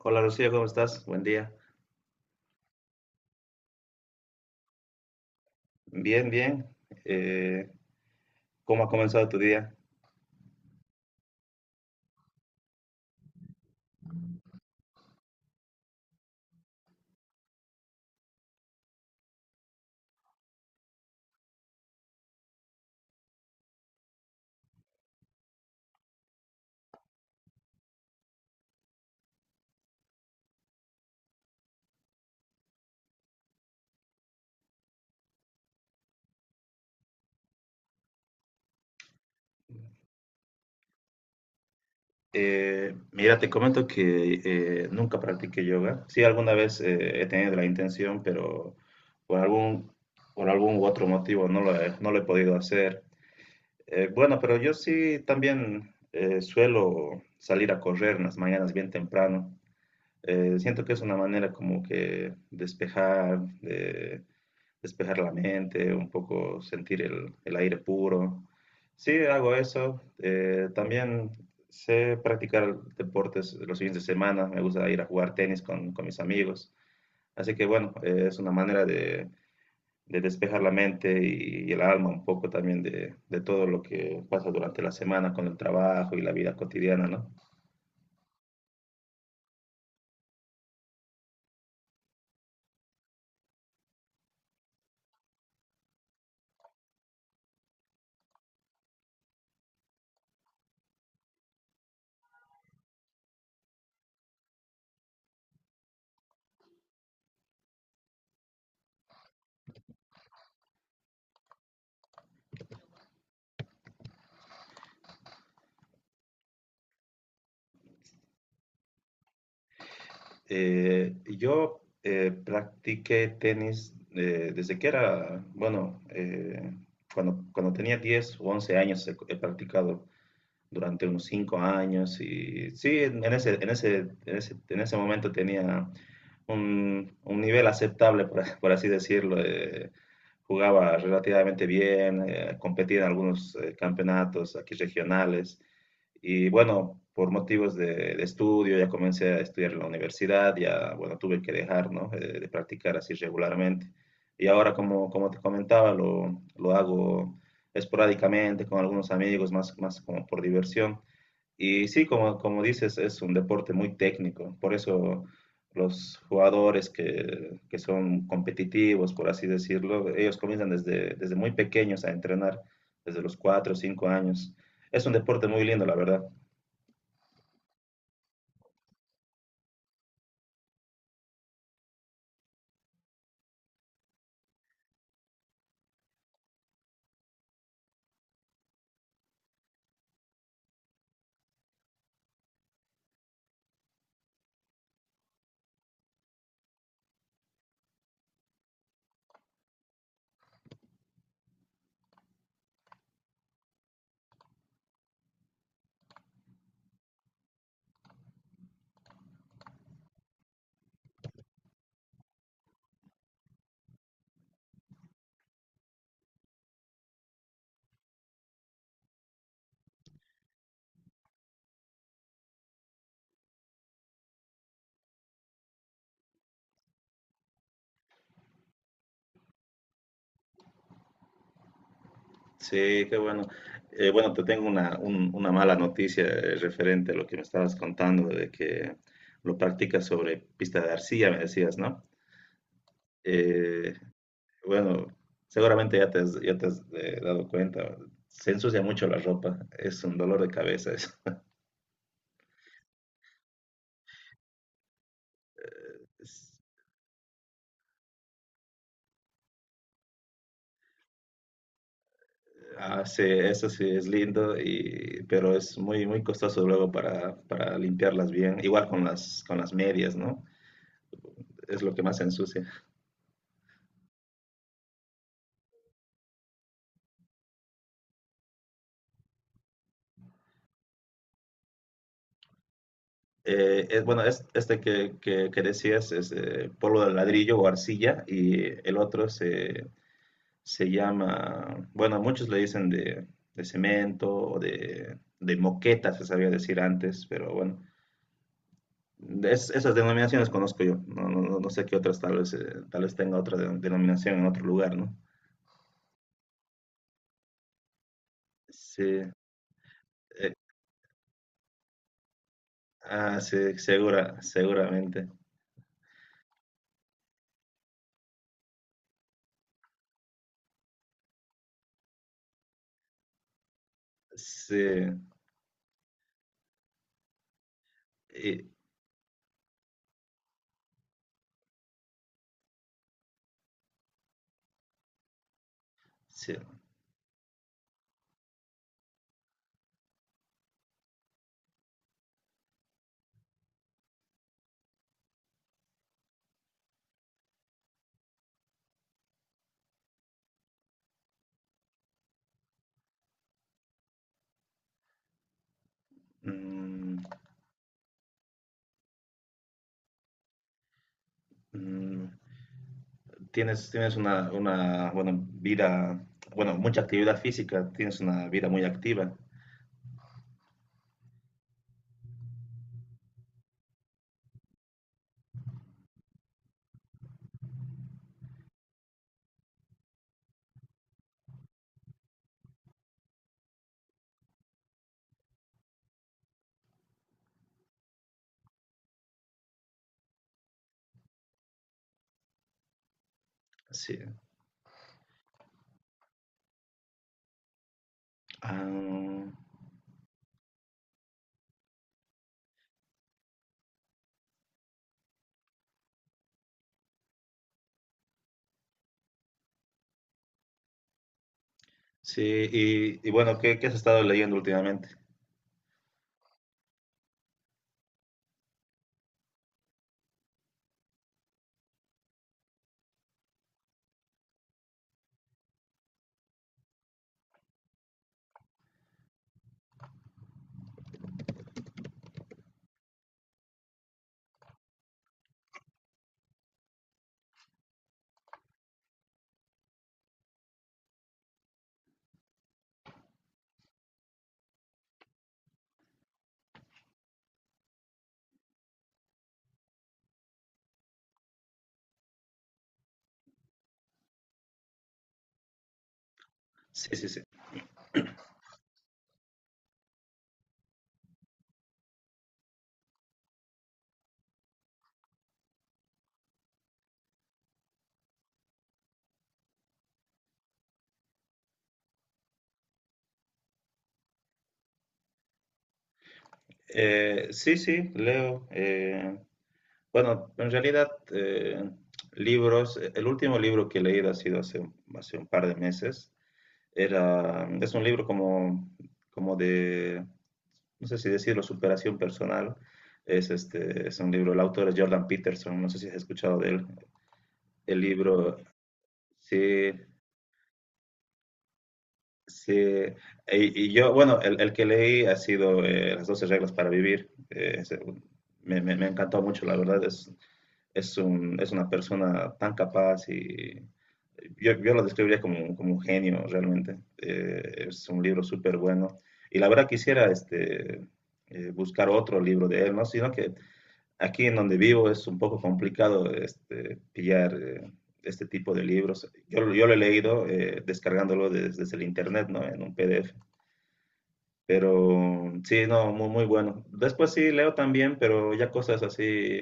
Hola Rocío, ¿cómo estás? Buen día. Bien, bien. Eh, ¿Cómo ha comenzado tu día? Mira, te comento que nunca practiqué yoga. Sí, alguna vez he tenido la intención, pero por algún, por algún u otro motivo no lo he podido hacer. Bueno, pero yo sí también suelo salir a correr en las mañanas bien temprano. Siento que es una manera como que despejar la mente, un poco sentir el aire puro. Sí, hago eso. También sé practicar deportes los fines de semana. Me gusta ir a jugar tenis con mis amigos. Así que bueno, es una manera de despejar la mente y el alma un poco también de todo lo que pasa durante la semana con el trabajo y la vida cotidiana, ¿no? Yo practiqué tenis desde que era, bueno, cuando tenía 10 o 11 años he practicado durante unos 5 años y sí, en ese momento tenía un nivel aceptable, por así decirlo. Jugaba relativamente bien, competía en algunos campeonatos aquí regionales. Y bueno, por motivos estudio, ya comencé a estudiar en la universidad, ya, bueno, tuve que dejar, ¿no? De practicar así regularmente. Y ahora, como te comentaba, lo hago esporádicamente con algunos amigos, más como por diversión. Y sí, como dices, es un deporte muy técnico, por eso los jugadores que son competitivos, por así decirlo, ellos comienzan desde muy pequeños a entrenar, desde los 4 o 5 años. Es un deporte muy lindo, la verdad. Sí, qué bueno. Bueno, te tengo una, una mala noticia referente a lo que me estabas contando, de que lo practicas sobre pista de arcilla, me decías, ¿no? Eh, Bueno, seguramente ya te has dado cuenta. Se ensucia mucho la ropa. Es un dolor de cabeza eso. Es- ah, sí, eso sí es lindo, y, pero es muy, muy costoso luego para limpiarlas bien. Igual con con las medias, ¿no? Es lo que más se ensucia. Bueno, es, este que decías es polvo de ladrillo o arcilla y el otro se llama, bueno, muchos le dicen de cemento o de moqueta, se sabía decir antes, pero bueno, esas denominaciones conozco yo. No sé qué otras, tal vez tenga otra denominación en otro lugar, ¿no? Sí, eh, ah, sí, seguramente. Sí, y- sí. Mm, mm, Tienes una, bueno, vida, bueno, mucha actividad física, tienes una vida muy activa. Sí. Ah, sí, y bueno, ¿qué has estado leyendo últimamente? Sí, sí, sí. Sí, leo. Bueno, en realidad, libros, el último libro que he leído ha sido hace, hace un par de meses. Es un libro como, como de, no sé si decirlo, superación personal. Es un libro, el autor es Jordan Peterson, no sé si has escuchado de él. El libro, sí, Sí, y, Y yo, bueno, el que leí ha sido Las 12 reglas para vivir. Me encantó mucho, la verdad. Es, es una persona tan capaz y yo lo describiría como, como un genio realmente. Es un libro súper bueno. Y la verdad quisiera este, buscar otro libro de él, ¿no? Sino que aquí en donde vivo es un poco complicado este, pillar este tipo de libros. Yo lo he leído descargándolo desde el internet, ¿no? En un PDF. Pero sí, no, muy, muy bueno. Después sí leo también, pero ya cosas así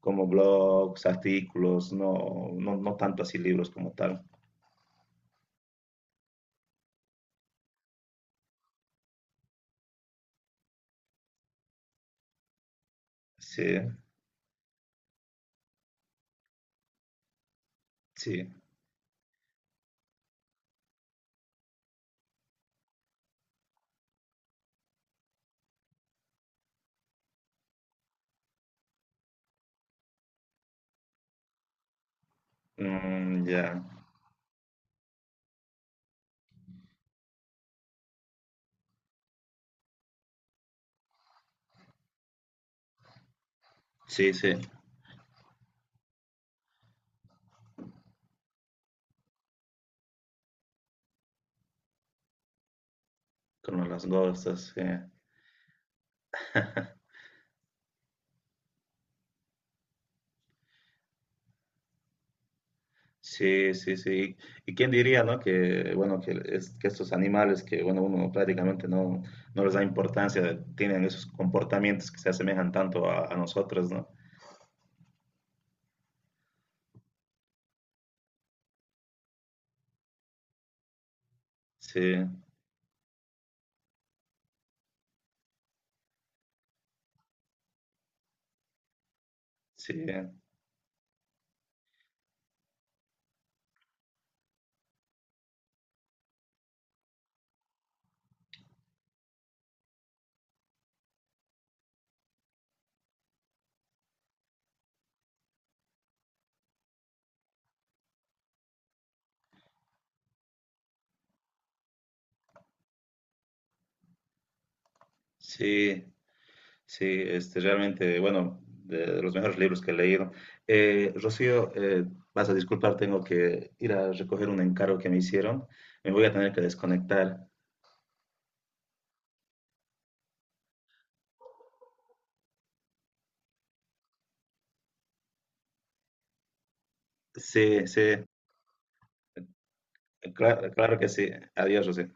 como blogs, artículos, no tanto así libros como tal. Sí, sí. Mm, ya. Sí, sí. Con las cosas. Sí. Sí, sí, sí. ¿Y quién diría, no? Que, bueno, que, que estos animales que, bueno, uno prácticamente no les da importancia, tienen esos comportamientos que se asemejan tanto a nosotros, ¿no? Sí, sí, sí, sí, este, realmente, bueno, de los mejores libros que he leído. Rocío, vas a disculpar, tengo que ir a recoger un encargo que me hicieron. Me voy a tener que desconectar. Sí, sí, claro, claro que sí. Adiós, Rocío.